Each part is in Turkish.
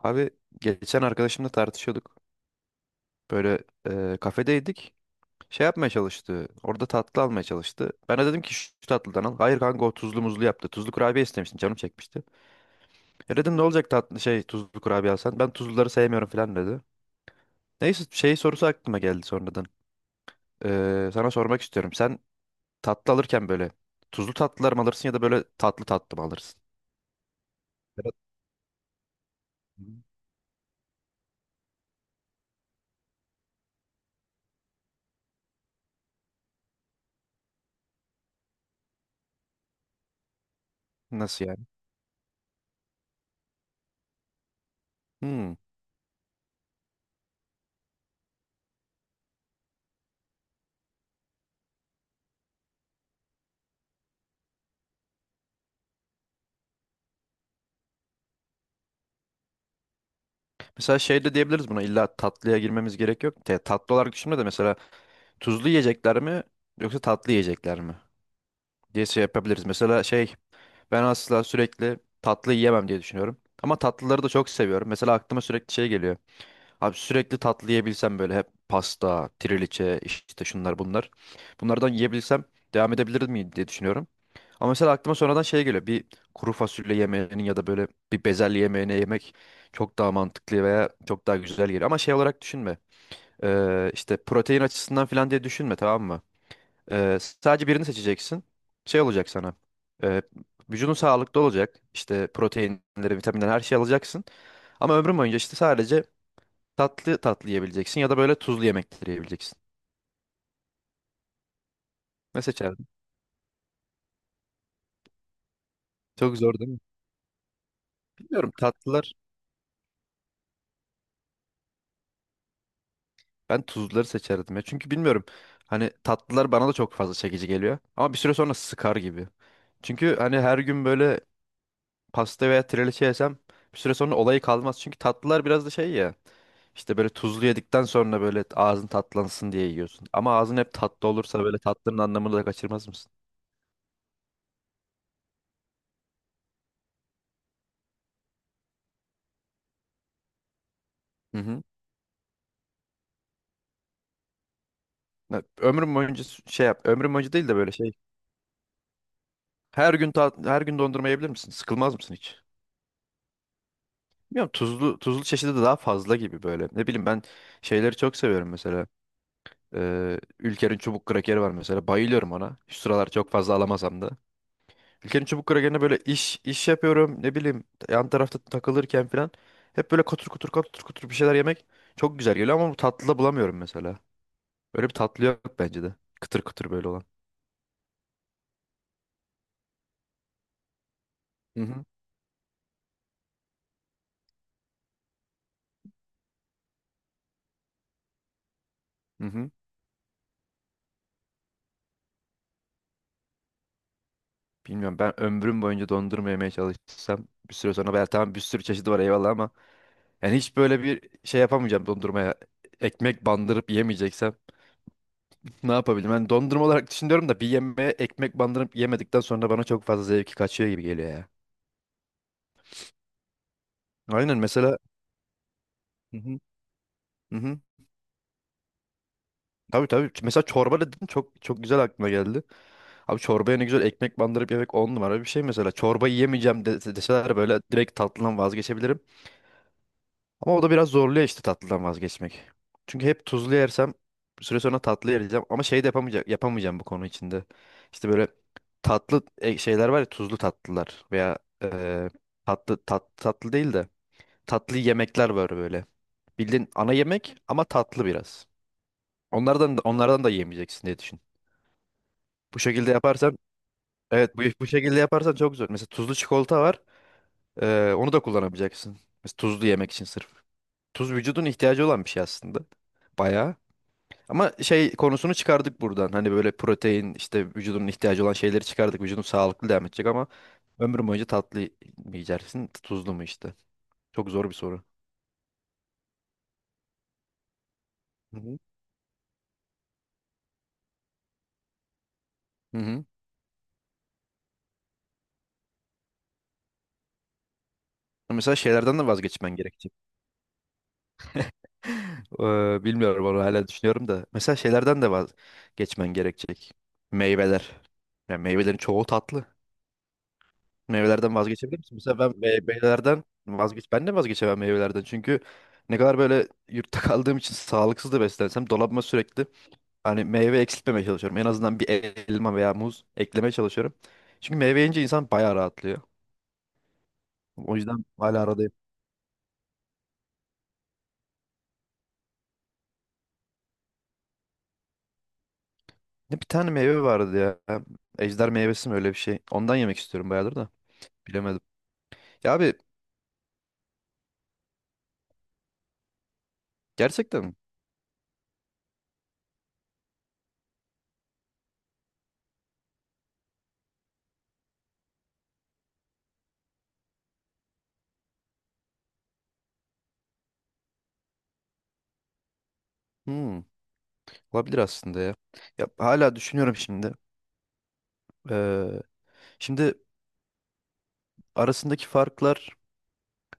Abi geçen arkadaşımla tartışıyorduk. Böyle kafedeydik. Şey yapmaya çalıştı. Orada tatlı almaya çalıştı. Ben de dedim ki şu tatlıdan al. Hayır kanka o tuzlu muzlu yaptı. Tuzlu kurabiye istemiştin canım çekmişti. E dedim ne olacak tatlı şey tuzlu kurabiye alsan. Ben tuzluları sevmiyorum falan dedi. Neyse şey sorusu aklıma geldi sonradan. Sana sormak istiyorum. Sen tatlı alırken böyle tuzlu tatlılar mı alırsın ya da böyle tatlı tatlı mı alırsın? Evet. Nasıl yani? Hmm. Mesela şey de diyebiliriz buna, illa tatlıya girmemiz gerek yok. Tatlı olarak düşünme de mesela tuzlu yiyecekler mi yoksa tatlı yiyecekler mi diye şey yapabiliriz. Mesela şey, ben asla sürekli tatlı yiyemem diye düşünüyorum. Ama tatlıları da çok seviyorum. Mesela aklıma sürekli şey geliyor. Abi sürekli tatlı yiyebilsem böyle hep pasta, triliçe, işte şunlar bunlar. Bunlardan yiyebilsem devam edebilir miyim diye düşünüyorum. Ama mesela aklıma sonradan şey geliyor. Bir kuru fasulye yemeğinin ya da böyle bir bezelye yemeğine yemek çok daha mantıklı veya çok daha güzel geliyor. Ama şey olarak düşünme. İşte protein açısından falan diye düşünme, tamam mı? Sadece birini seçeceksin. Şey olacak sana. Ee, vücudun sağlıklı olacak. İşte proteinleri, vitaminleri, her şeyi alacaksın. Ama ömrün boyunca işte sadece tatlı tatlı yiyebileceksin ya da böyle tuzlu yemekleri yiyebileceksin. Ne seçerdin? Çok zor değil mi? Bilmiyorum, tatlılar. Ben tuzluları seçerdim ya. Çünkü bilmiyorum. Hani tatlılar bana da çok fazla çekici geliyor. Ama bir süre sonra sıkar gibi. Çünkü hani her gün böyle pasta veya trileçe yesem, bir süre sonra olayı kalmaz. Çünkü tatlılar biraz da şey ya. İşte böyle tuzlu yedikten sonra böyle ağzın tatlansın diye yiyorsun. Ama ağzın hep tatlı olursa böyle tatlının anlamını da kaçırmaz mısın? Hı hı. Ya, ömrüm boyunca şey yap. Ömrüm boyunca değil de böyle şey. Her gün her gün dondurma yiyebilir misin? Sıkılmaz mısın hiç? Bilmiyorum, tuzlu tuzlu çeşidi de daha fazla gibi böyle. Ne bileyim, ben şeyleri çok seviyorum mesela. Ülker'in çubuk krakeri var mesela. Bayılıyorum ona. Şu sıralar çok fazla alamasam da. İlker'in çubuk krakerine böyle iş iş yapıyorum, ne bileyim yan tarafta takılırken falan hep böyle kutur kutur kutur kutur bir şeyler yemek çok güzel geliyor ama bu tatlıda bulamıyorum mesela. Böyle bir tatlı yok bence de. Kıtır kıtır böyle olan. Hı hı. Hı hı. Bilmiyorum, ben ömrüm boyunca dondurma yemeye çalışsam bir süre sonra ben tamam, bir sürü çeşidi var eyvallah ama yani hiç böyle bir şey yapamayacağım dondurmaya. Ekmek bandırıp yemeyeceksem ne yapabilirim? Ben dondurma olarak düşünüyorum da bir yemeğe ekmek bandırıp yemedikten sonra bana çok fazla zevki kaçıyor gibi geliyor ya. Aynen mesela. Hı hı. Tabii tabii. Mesela çorba dedin, çok çok güzel aklıma geldi. Abi çorbaya ne güzel ekmek bandırıp yemek, on numara bir şey mesela. Çorba yiyemeyeceğim deseler böyle, direkt tatlıdan vazgeçebilirim. Ama o da biraz zorluyor işte, tatlıdan vazgeçmek. Çünkü hep tuzlu yersem bir süre sonra tatlı yiyeceğim. Ama şey de yapamayacağım bu konu içinde. İşte böyle tatlı şeyler var ya, tuzlu tatlılar veya tatlı değil de tatlı yemekler var böyle. Bildiğin ana yemek ama tatlı biraz. Onlardan da yemeyeceksin diye düşünüyorum. Bu şekilde yaparsan, evet, bu şekilde yaparsan çok güzel. Mesela tuzlu çikolata var. Onu da kullanabileceksin. Mesela tuzlu yemek için sırf. Tuz vücudun ihtiyacı olan bir şey aslında. Bayağı. Ama şey konusunu çıkardık buradan. Hani böyle protein işte, vücudun ihtiyacı olan şeyleri çıkardık. Vücudun sağlıklı devam edecek ama ömrün boyunca tatlı mı yiyeceksin, tuzlu mu işte. Çok zor bir soru. Hı hı. Hı hı. Mesela şeylerden de vazgeçmen gerekecek. Bilmiyorum, onu hala düşünüyorum da. Mesela şeylerden de vaz geçmen gerekecek. Meyveler. Yani meyvelerin çoğu tatlı. Meyvelerden vazgeçebilir misin? Mesela ben de vazgeçemem meyvelerden. Çünkü ne kadar böyle yurtta kaldığım için sağlıksız da beslensem, dolabıma sürekli hani meyve eksiltmemeye çalışıyorum. En azından bir elma veya muz eklemeye çalışıyorum. Çünkü meyve yiyince insan bayağı rahatlıyor. O yüzden hala aradayım. Ne bir tane meyve vardı ya. Ejder meyvesi mi öyle bir şey. Ondan yemek istiyorum bayağıdır da. Bilemedim. Ya abi, gerçekten mi? Hmm. Olabilir aslında ya. Ya hala düşünüyorum şimdi. Ee, şimdi arasındaki farklar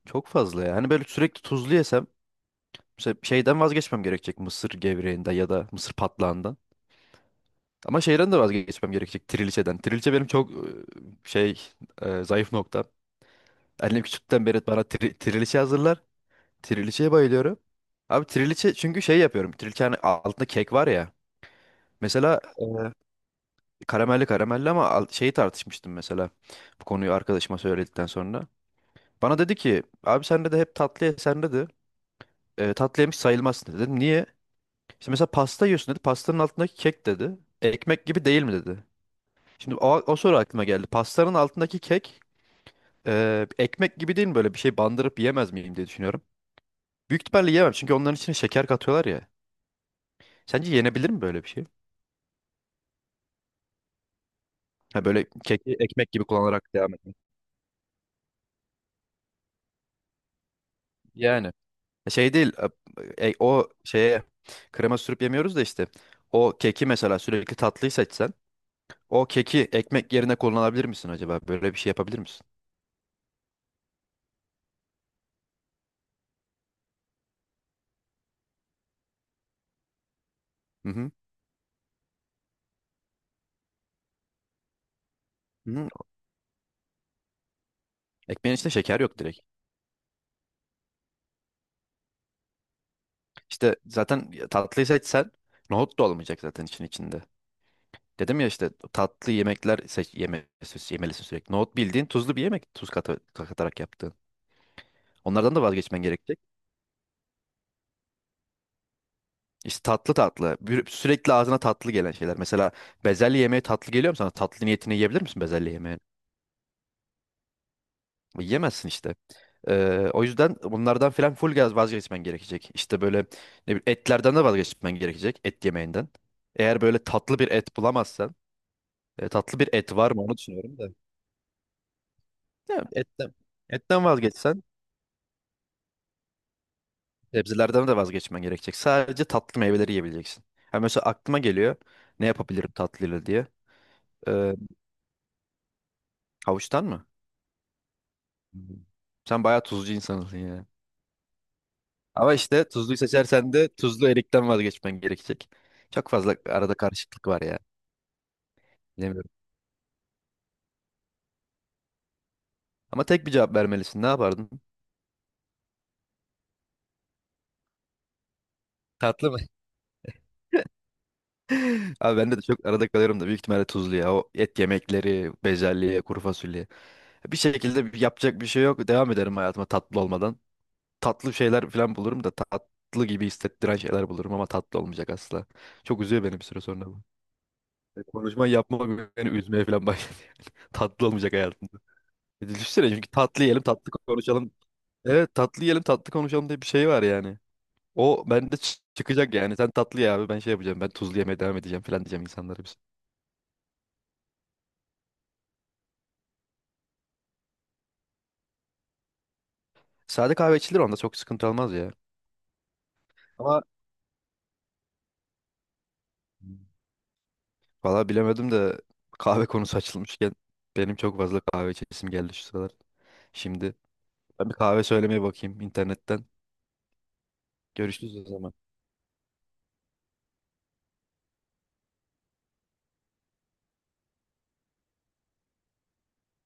çok fazla ya. Hani böyle sürekli tuzlu yesem mesela şeyden vazgeçmem gerekecek, mısır gevreğinden ya da mısır patlağından. Ama şeyden de vazgeçmem gerekecek, trileçeden. Trileçe benim çok şey, zayıf noktam. Annem küçükten beri bana trileçe hazırlar. Trileçeye bayılıyorum. Abi trileçe, çünkü şey yapıyorum. Trileçe hani altında kek var ya. Mesela karamelli, karamelli ama şeyi tartışmıştım mesela. Bu konuyu arkadaşıma söyledikten sonra. Bana dedi ki abi sen de hep tatlı ye sen dedi. E, tatlı yemiş sayılmazsın dedi. Dedim niye? İşte mesela pasta yiyorsun dedi. Pastanın altındaki kek dedi. Ekmek gibi değil mi dedi. Şimdi o soru aklıma geldi. Pastanın altındaki kek ekmek gibi değil mi, böyle bir şey bandırıp yiyemez miyim diye düşünüyorum. Büyük ihtimalle yiyemem çünkü onların içine şeker katıyorlar ya. Sence yenebilir mi böyle bir şey? Ha, böyle keki ekmek gibi kullanarak devam etmek. Yani. Şey değil, o şeye krema sürüp yemiyoruz da işte, o keki mesela sürekli tatlıyı seçsen, o keki ekmek yerine kullanabilir misin acaba? Böyle bir şey yapabilir misin? Hı hı. Hı hı. Ekmeğin içinde şeker yok direkt. İşte zaten tatlıyı seçsen nohut da olmayacak zaten içinde. Dedim ya işte tatlı yemekler yemelisin sürekli. Nohut bildiğin tuzlu bir yemek, tuz katarak yaptığın. Onlardan da vazgeçmen gerekecek. İşte tatlı tatlı. Sürekli ağzına tatlı gelen şeyler. Mesela bezelye yemeği tatlı geliyor mu sana? Tatlı niyetine yiyebilir misin bezelye yemeği? Yiyemezsin işte. O yüzden bunlardan filan full gaz vazgeçmen gerekecek. İşte böyle ne bileyim, etlerden de vazgeçmen gerekecek. Et yemeğinden. Eğer böyle tatlı bir et bulamazsan. Tatlı bir et var mı onu düşünüyorum da. Ya, etten vazgeçsen sebzelerden de vazgeçmen gerekecek. Sadece tatlı meyveleri yiyebileceksin. Ha, mesela aklıma geliyor ne yapabilirim tatlıyla diye. Ee, havuçtan mı? Hmm. Sen bayağı tuzcu insansın ya. Ama işte tuzluyu seçersen de tuzlu erikten vazgeçmen gerekecek. Çok fazla arada karışıklık var ya. Bilemiyorum. Ama tek bir cevap vermelisin. Ne yapardın? Tatlı mı? Abi ben de çok arada kalıyorum da büyük ihtimalle tuzlu ya. O et yemekleri, bezelye, kuru fasulye. Bir şekilde yapacak bir şey yok. Devam ederim hayatıma tatlı olmadan. Tatlı şeyler falan bulurum da, tatlı gibi hissettiren şeyler bulurum ama tatlı olmayacak asla. Çok üzüyor beni bir süre sonra bu. Konuşma yapma beni üzmeye falan başladı. Tatlı olmayacak hayatımda. E, düşünsene, çünkü tatlı yiyelim tatlı konuşalım. Evet, tatlı yiyelim tatlı konuşalım diye bir şey var yani. O bende çıkacak yani. Sen tatlı ye abi, ben şey yapacağım. Ben tuzlu yemeye devam edeceğim falan diyeceğim insanlara biz. Sade kahve içilir, onda çok sıkıntı olmaz ya. Ama valla bilemedim de, kahve konusu açılmışken benim çok fazla kahve içesim geldi şu sıralar. Şimdi ben bir kahve söylemeye bakayım internetten. Görüşürüz o zaman.